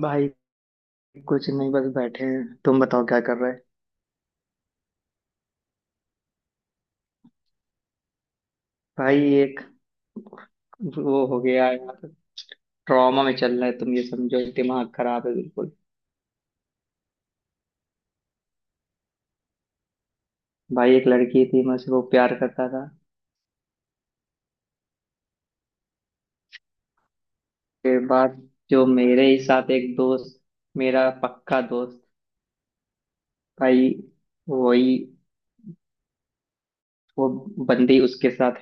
भाई कुछ नहीं, बस बैठे हैं। तुम बताओ क्या कर रहे हैं। भाई, एक वो हो गया है। ट्रॉमा में चल रहा है, तुम ये समझो, दिमाग खराब है बिल्कुल। भाई, एक लड़की थी, मैं उससे वो प्यार करता था। फिर बाद, जो मेरे ही साथ एक दोस्त, मेरा पक्का दोस्त, भाई वही, वो बंदी उसके साथ,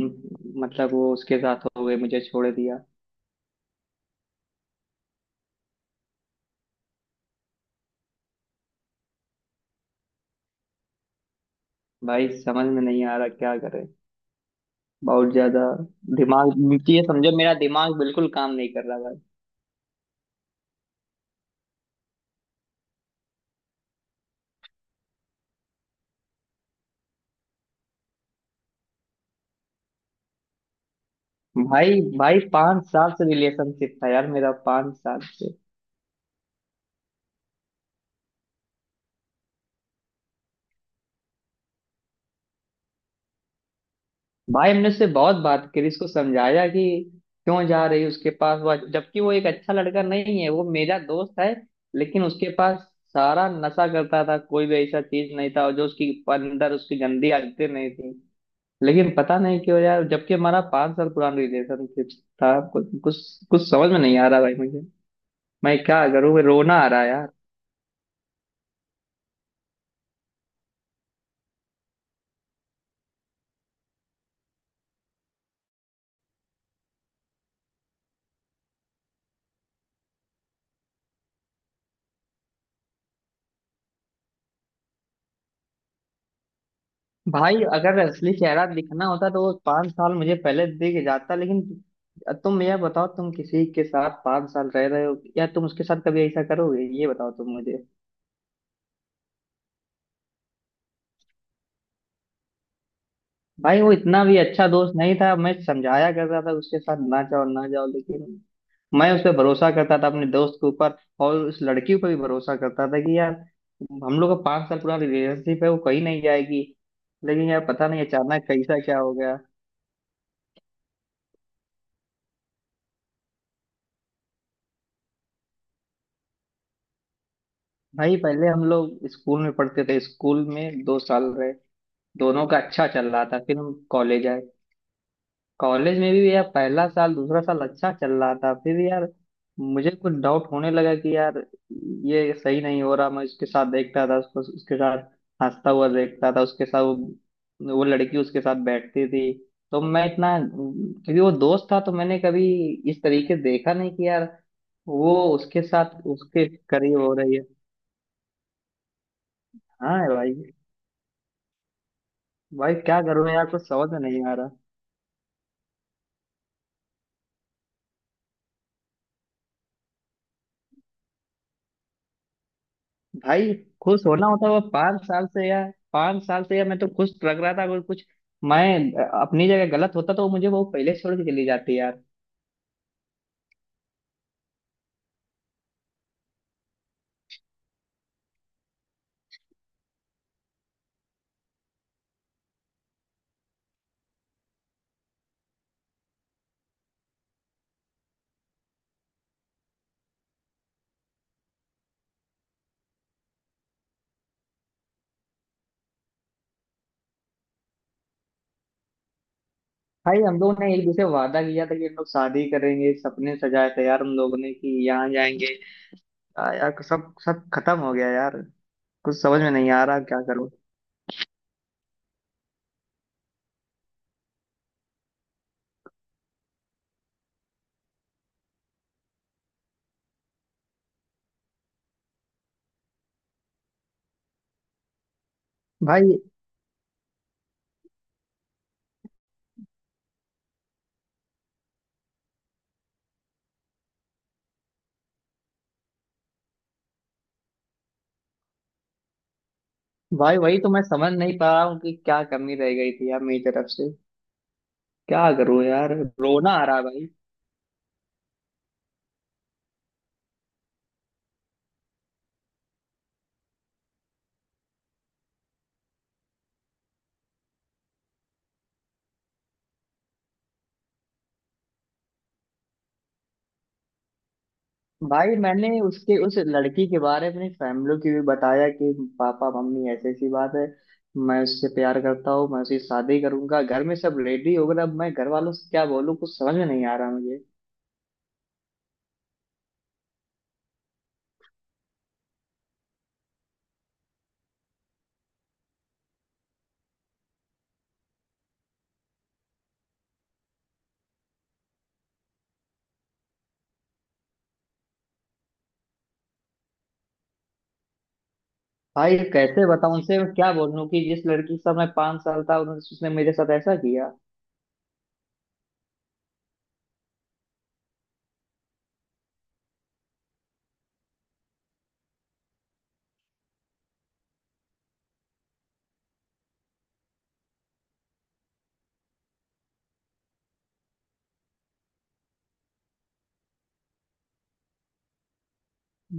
मतलब वो उसके साथ हो गई, मुझे छोड़ दिया। भाई समझ में नहीं आ रहा क्या करे। बहुत ज्यादा दिमाग, ये समझो मेरा दिमाग बिल्कुल काम नहीं कर रहा। भाई भाई 5 साल से रिलेशनशिप था यार मेरा, 5 साल से। भाई हमने उससे बहुत बात करी, उसको समझाया कि क्यों जा रही है उसके पास, वो जबकि वो एक अच्छा लड़का नहीं है, वो मेरा दोस्त है। लेकिन उसके पास सारा नशा करता था, कोई भी ऐसा चीज नहीं था और जो उसकी अंदर उसकी गंदी आदतें नहीं थी। लेकिन पता नहीं क्यों यार, जबकि हमारा 5 साल पुराना रिलेशनशिप था। कुछ कुछ कुछ समझ में नहीं आ रहा भाई मुझे। मैं क्या करूँ, रोना आ रहा है। भाई अगर असली चेहरा दिखना होता तो वो 5 साल मुझे पहले दिख जाता। लेकिन तुम यह बताओ, तुम किसी के साथ 5 साल रह रहे हो या तुम उसके साथ कभी ऐसा करोगे? ये बताओ तुम मुझे। भाई वो इतना भी अच्छा दोस्त नहीं था, मैं समझाया करता था उसके साथ ना जाओ ना जाओ, लेकिन मैं उस पर भरोसा करता था, अपने दोस्त के ऊपर। और उस लड़की पर भी भरोसा करता था कि यार, हम लोग का 5 साल पूरा रिलेशनशिप है, वो कहीं नहीं जाएगी। लेकिन यार पता नहीं अचानक कैसा क्या हो गया। भाई पहले हम लोग स्कूल में पढ़ते थे, स्कूल में 2 साल रहे, दोनों का अच्छा चल रहा था। फिर हम कॉलेज आए, कॉलेज में भी यार पहला साल दूसरा साल अच्छा चल रहा था। फिर यार मुझे कुछ डाउट होने लगा कि यार ये सही नहीं हो रहा। मैं उसके साथ देखता था उसको, उसके साथ हंसता हुआ देखता था, उसके साथ वो लड़की उसके साथ बैठती थी। तो मैं इतना, क्योंकि वो दोस्त था तो मैंने कभी इस तरीके देखा नहीं कि यार वो उसके साथ उसके करीब हो रही है। हाँ भाई। भाई क्या करूं यार, कुछ समझ में नहीं आ रहा। भाई खुश होना होता है वो? 5 साल से यार, 5 साल से यार मैं तो खुश लग रहा था। अगर कुछ मैं अपनी जगह गलत होता तो मुझे वो पहले छोड़ के चली जाती यार। भाई हम लोगों ने एक दूसरे वादा किया था कि हम लोग शादी करेंगे, सपने सजाए थे यार हम लोगों ने कि यहाँ जाएंगे। यार सब सब खत्म हो गया यार। कुछ समझ में नहीं आ रहा क्या करूं भाई। भाई वही तो मैं समझ नहीं पा रहा हूँ कि क्या कमी रह गई थी यार मेरी तरफ से। क्या करूं यार, रोना आ रहा है भाई। भाई मैंने उसके, उस लड़की के बारे में अपनी फैमिली की भी बताया कि पापा मम्मी ऐसी ऐसी बात है, मैं उससे प्यार करता हूँ, मैं उसकी शादी करूंगा। घर में सब रेडी हो गए, अब मैं घर वालों से क्या बोलूँ, कुछ समझ में नहीं आ रहा मुझे। भाई कैसे बताऊं उनसे, मैं क्या बोलूं कि जिस लड़की से मैं 5 साल था उन्होंने, उसने मेरे साथ ऐसा किया।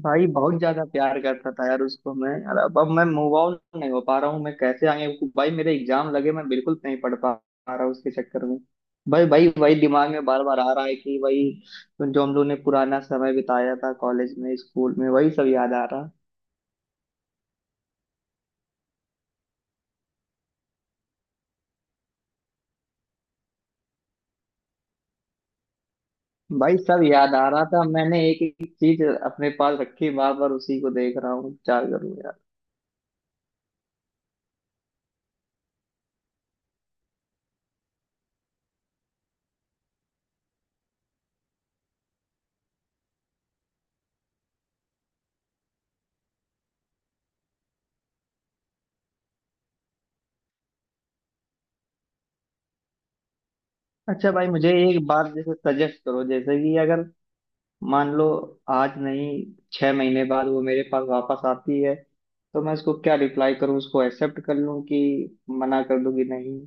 भाई बहुत ज्यादा प्यार करता था यार उसको मैं यार, अब मैं मूव ऑन नहीं हो पा रहा हूँ, मैं कैसे आगे? भाई मेरे एग्जाम लगे, मैं बिल्कुल नहीं पढ़ पा पा रहा उसके चक्कर में। भाई भाई वही दिमाग में बार बार आ रहा है कि वही जो हम लोग ने पुराना समय बिताया था कॉलेज में स्कूल में, वही सब याद आ रहा। भाई सब याद आ रहा था, मैंने एक एक चीज अपने पास रखी, बार बार उसी को देख रहा हूँ, क्या करूँ यार। अच्छा भाई मुझे एक बात जैसे सजेस्ट करो, जैसे कि अगर मान लो आज नहीं, 6 महीने बाद वो मेरे पास वापस आती है, तो मैं उसको क्या रिप्लाई करूं? उसको एक्सेप्ट कर लूं कि मना कर दूं कि नहीं?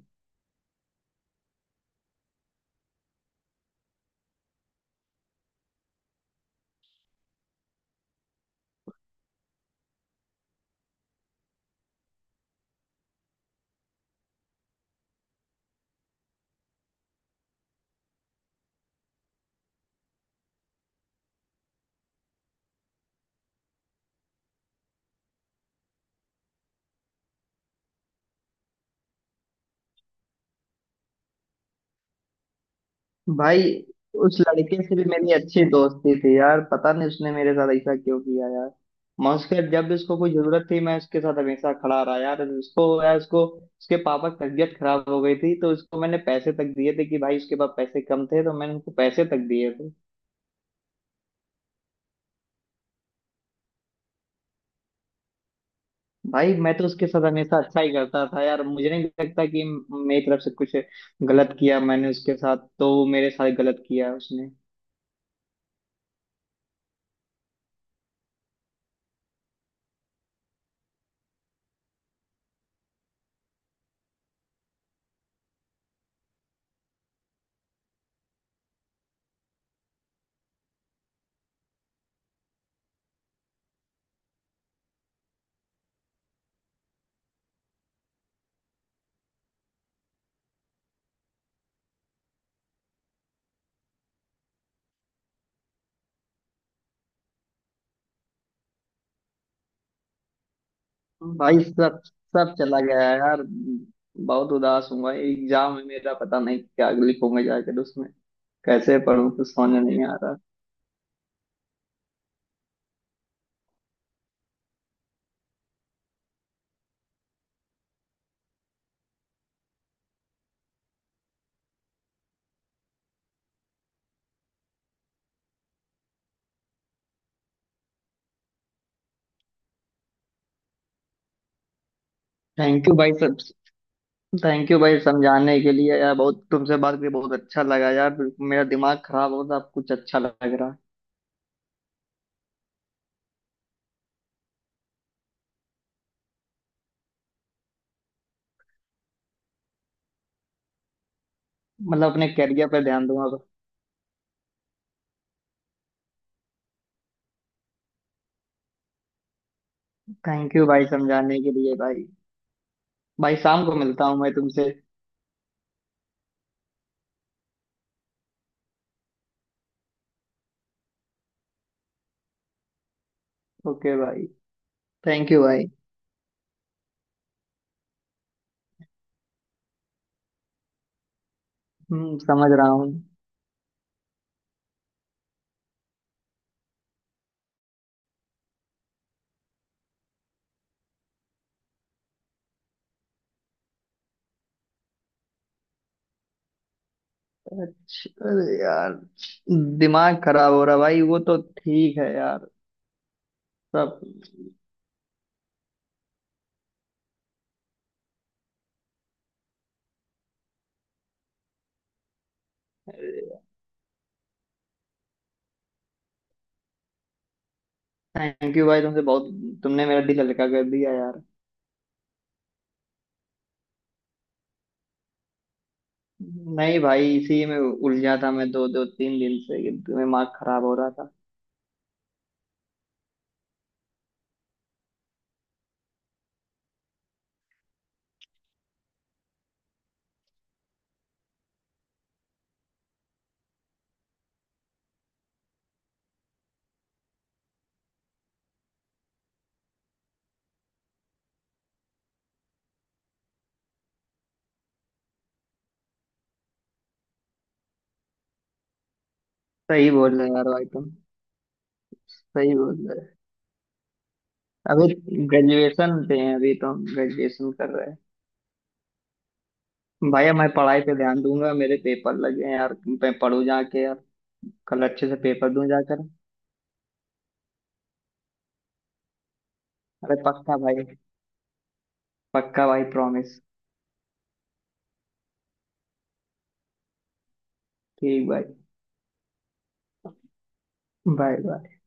भाई उस लड़के से भी मेरी अच्छी दोस्ती थी यार, पता नहीं उसने मेरे साथ ऐसा क्यों किया यार। मैं उसके, जब भी उसको कोई जरूरत थी मैं उसके साथ हमेशा खड़ा रहा यार। उसको यार, उसको, उसके पापा की तबीयत खराब हो गई थी तो उसको मैंने पैसे तक दिए थे, कि भाई उसके पास पैसे कम थे तो मैंने उसको पैसे तक दिए थे। भाई मैं तो उसके साथ हमेशा अच्छा ही करता था यार, मुझे नहीं लगता कि मेरी तरफ से कुछ गलत किया मैंने उसके साथ, तो वो मेरे साथ गलत किया उसने। भाई सब सब चला गया है यार, बहुत उदास हूँ भाई। एग्जाम है मेरा, पता नहीं क्या लिखूंगा जाकर उसमें, कैसे पढूं कुछ समझ नहीं आ रहा। थैंक यू भाई, सब। थैंक यू भाई समझाने के लिए यार, बहुत, तुमसे बात करके बहुत अच्छा लगा यार। मेरा दिमाग खराब हो था, अब कुछ अच्छा लग रहा है। मतलब अपने करियर पे ध्यान दूंगा। थैंक यू भाई समझाने के लिए भाई। भाई शाम को मिलता हूँ मैं तुमसे। ओके भाई। थैंक यू भाई। हम्म, समझ रहा हूँ। अरे यार, दिमाग खराब हो रहा भाई, वो तो ठीक है यार। सब। थैंक यू भाई, तुमसे बहुत, तुमने मेरा दिल हल्का कर दिया यार। नहीं भाई, इसी में उलझा था मैं दो दो तीन दिन से कि दिमाग खराब हो रहा था। सही बोल रहे हो यार भाई तुम। सही बोल रहे हो। अभी ग्रेजुएशन पे हैं, अभी तो ग्रेजुएशन कर रहे हैं। भाई अब मैं पढ़ाई पे ध्यान दूंगा, मेरे पेपर लगे हैं यार, मैं पढ़ू जाके यार, कल अच्छे से पेपर दूं जाकर। अरे पक्का भाई। पक्का भाई, प्रॉमिस। ठीक भाई। Bye bye.